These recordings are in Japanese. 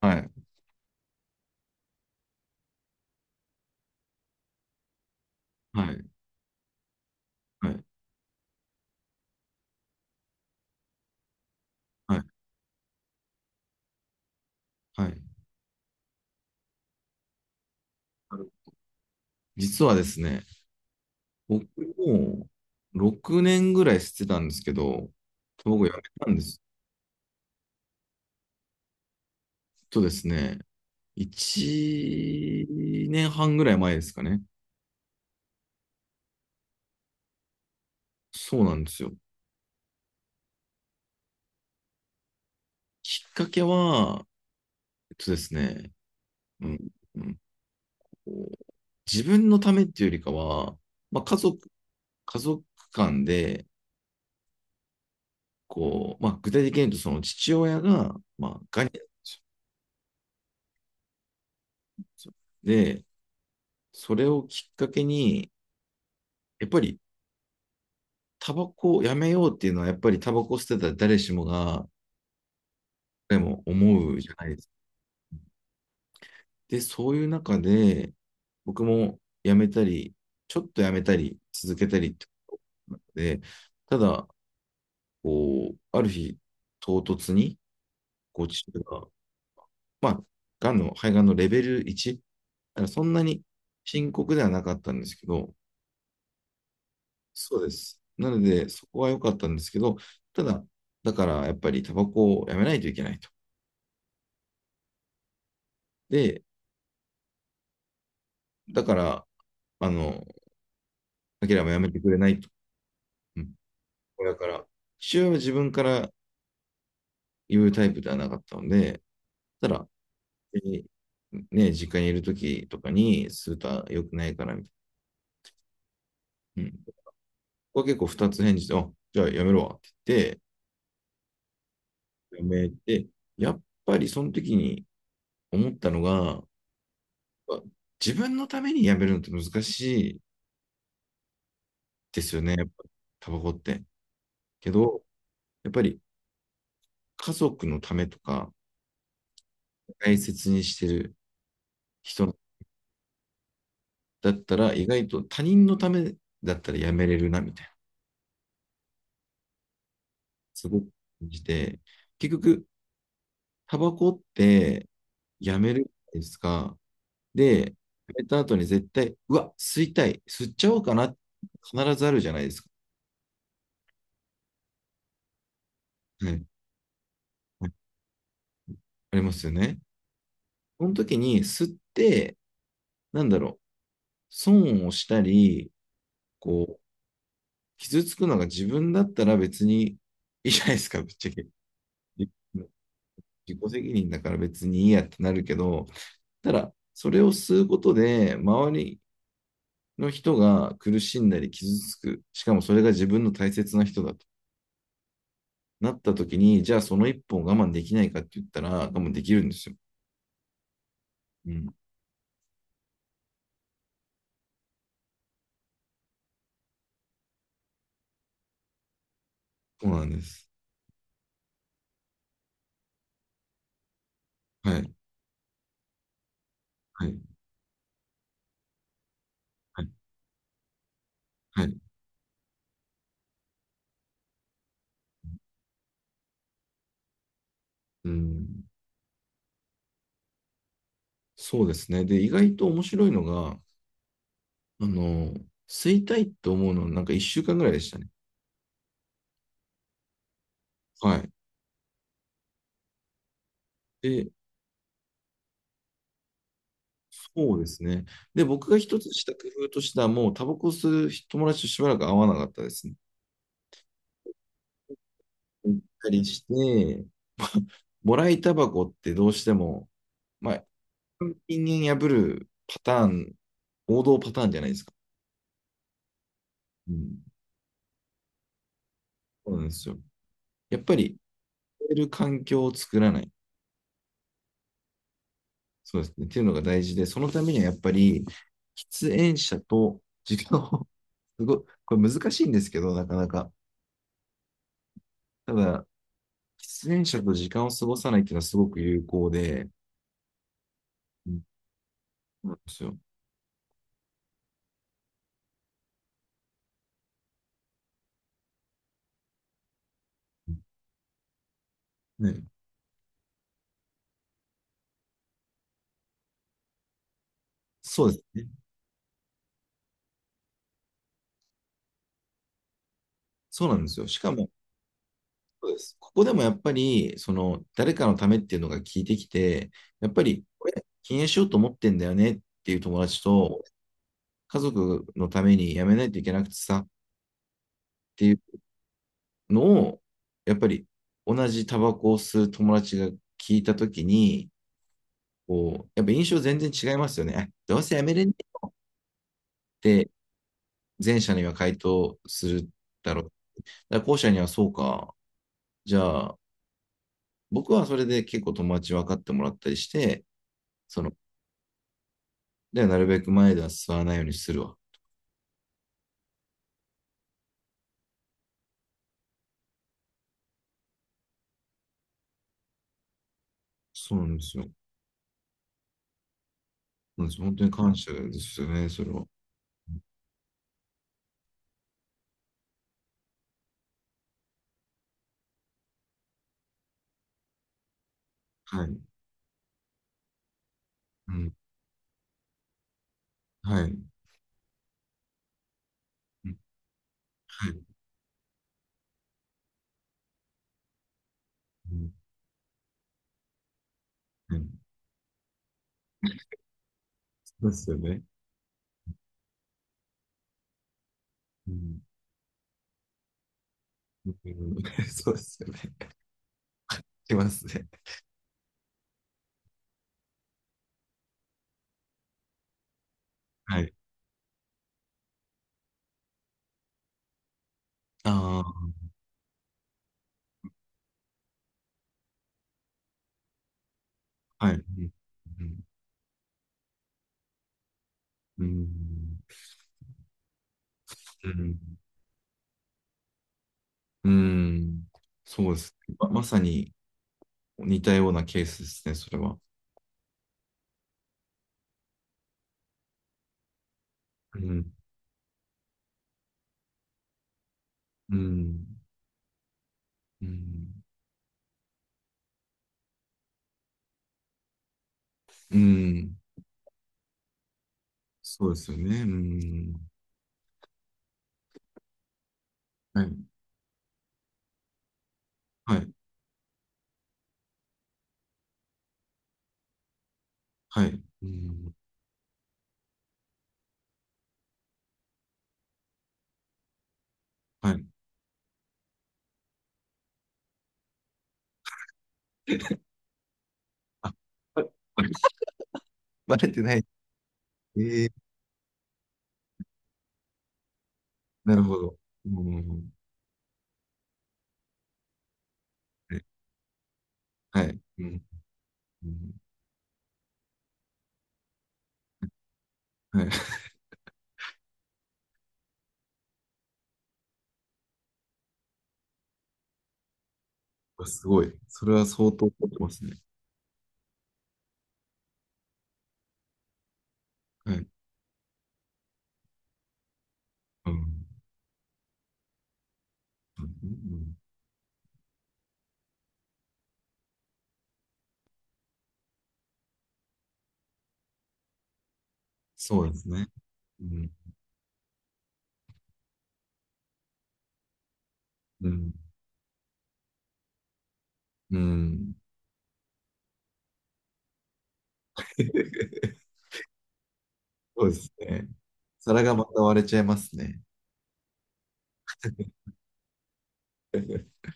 はい、はい、はい、はい、はい。ある。実はですね、僕も6年ぐらいしてたんですけど、僕辞めたんです。とですね、1年半ぐらい前ですかね。そうなんですよ。きっかけは、えっとですね、うん、うんこう自分のためっていうよりかは、まあ、家族間で、こう、まあ、具体的に言うと、その父親が、まあ、ガニなったんですよ。で、それをきっかけに、やっぱりタバコをやめようっていうのは、やっぱりタバコを捨てたら誰しもが、でも思うじゃないですか。で、そういう中で、僕もやめたり、ちょっとやめたり、続けたりってことなので、ただ、こう、ある日、唐突に、こう、父が、まあ、がんの、肺がんのレベル1、だからそんなに深刻ではなかったんですけど、そうです。なので、そこは良かったんですけど、ただ、だからやっぱりタバコをやめないといけないと。で、だから、あの、アキラもやめてくれないと。うん、親から。父親は自分から言うタイプではなかったので、ただ、別にね、実家にいる時とかに、スーター良くないからみたいな。うん。ここは結構二つ返事で、あ、じゃあやめろわって言って、やめて、やっぱりその時に思ったのが、あ自分のためにやめるのって難しいですよね、やっぱタバコって。けど、やっぱり家族のためとか、大切にしてる人のだったら、意外と他人のためだったらやめれるな、みたいな。すごく感じて、結局、タバコってやめるじゃないですか。で、やめた後に絶対、うわ、吸いたい、吸っちゃおうかな、必ずあるじゃないですか。はい、はい、ありますよね。その時に吸って、なんだろう、損をしたり、こう、傷つくのが自分だったら別にいいじゃないですか、ぶっちゃけ。自己責任だから別にいいやってなるけど、ただ、それを吸うことで、周りの人が苦しんだり傷つく、しかもそれが自分の大切な人だとなったときに、じゃあその一本我慢できないかって言ったら、我慢できるんですよ。うん。そうなんです。はい。はい。はい。はい。うん。そうですね。で、意外と面白いのが、あの、吸いたいと思うのはなんか1週間ぐらいでしたね。はい。で、そうですね。で、僕が一つした工夫としては、もうタバコ吸う友達としばらく会わなかったですね。行ったりして、もらいタバコってどうしても、まあ、人間破るパターン、王道パターンじゃないですか。うん。そうなんですよ。やっぱり、吸る環境を作らない。そうですね。っていうのが大事で、そのためにはやっぱり、喫煙者と時間を、すごい、これ難しいんですけど、なかなか。ただ、喫煙者と時間を過ごさないっていうのはすごく有効で、うん、そうなんですよ。ね、そうですね。そうなんですよ。しかも、そうです。ここでもやっぱり、その、誰かのためっていうのが聞いてきて、やっぱり、これ、禁煙しようと思ってんだよねっていう友達と、家族のためにやめないといけなくてさっていうのを、やっぱり、同じタバコを吸う友達が聞いたときに、こう、やっぱ印象全然違いますよね。どうせやめれんねって前者には回答するだろう。だから後者にはそうか。じゃあ、僕はそれで結構友達分かってもらったりして、そので、なるべく前では座らないようにするわ。そうなんですよ。なんですよ、本当に感謝ですよね、それは。はい。うん。はい。うん。はい。うん。はい。そうですよね。うん。うん。 そうですよね。しますね。はい。ああ、はい。うん。うん。うん。うんうん、そうですね。まさに似たようなケースですね、それは。うん。うん。うん。うん。そうですよね。うん。はい。はい。はい。うん。はい。あ、ばばバレてない。ええ、なるほど。うん。はい。はい、うん。うん、はい。すごい。それは相当凝ってますね。はい。うん。うんうん、そうですね。うん。うん。うん。そうですね。皿がまた割れちゃいますね。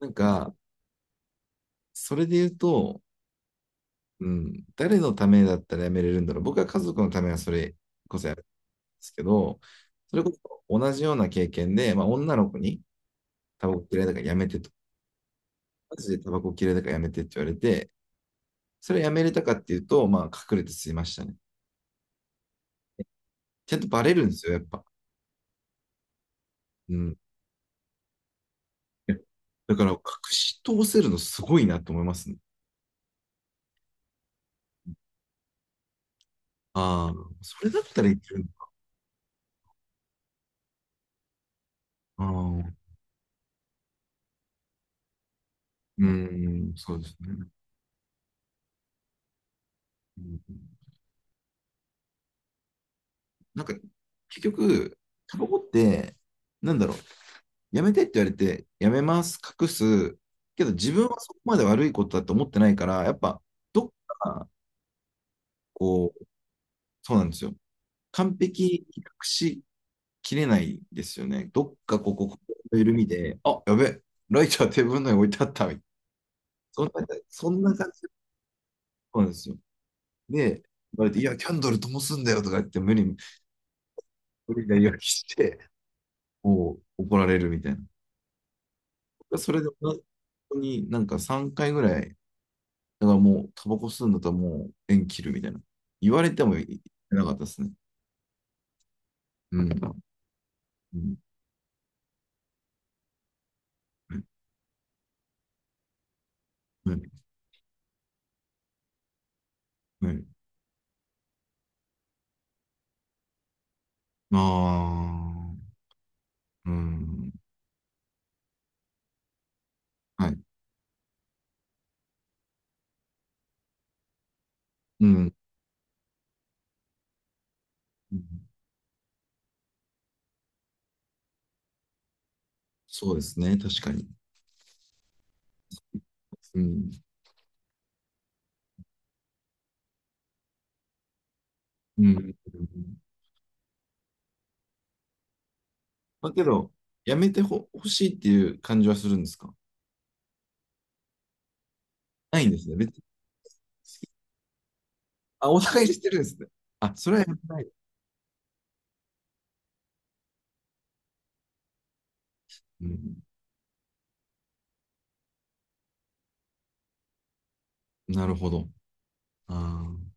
なんか、それで言うと、うん、誰のためだったらやめれるんだろう。僕は家族のためはそれこそやですけど、それこそ同じような経験で、まあ、女の子にタバコ嫌いだからやめてと、マジでタバコ嫌いだからやめてって言われて、それやめれたかっていうと、まあ、隠れて吸いましたね。ちゃんとバレるんですよ、やっぱ。うん。だから、隠し通せるのすごいなと思いますね。ああ、それだったらいけるのか。ああ、うん、そうですね。うん、なんか、結局、タバコって、なんだろう、やめてって言われて、やめます、隠す、けど自分はそこまで悪いことだと思ってないから、やっぱ、どっか、こう、そうなんですよ。完璧に隠しきれないですよね。どっかここの緩みで、あ、やべ、ライターテーブルの上に置いてあったみたいな。そんな、そんな感じなんですよ。で、言われて、いや、キャンドル灯すんだよとか言って、無理な言い訳して、こう、怒られるみたいな。それで、本当になんか3回ぐらいだからもう、タバコ吸うんだったらもう縁切るみたいな。言われても言ってなかったですね。うん。うん。はい。はい。ああー。うん。はい。うん。うん、そうですね。確かに。うん。うん。まあけど、やめてほ、欲しいっていう感じはするんですか？ないんですね。別に。あ、お互いしてるんですね。あ、それはやめてない。うん。なるほど。ああ。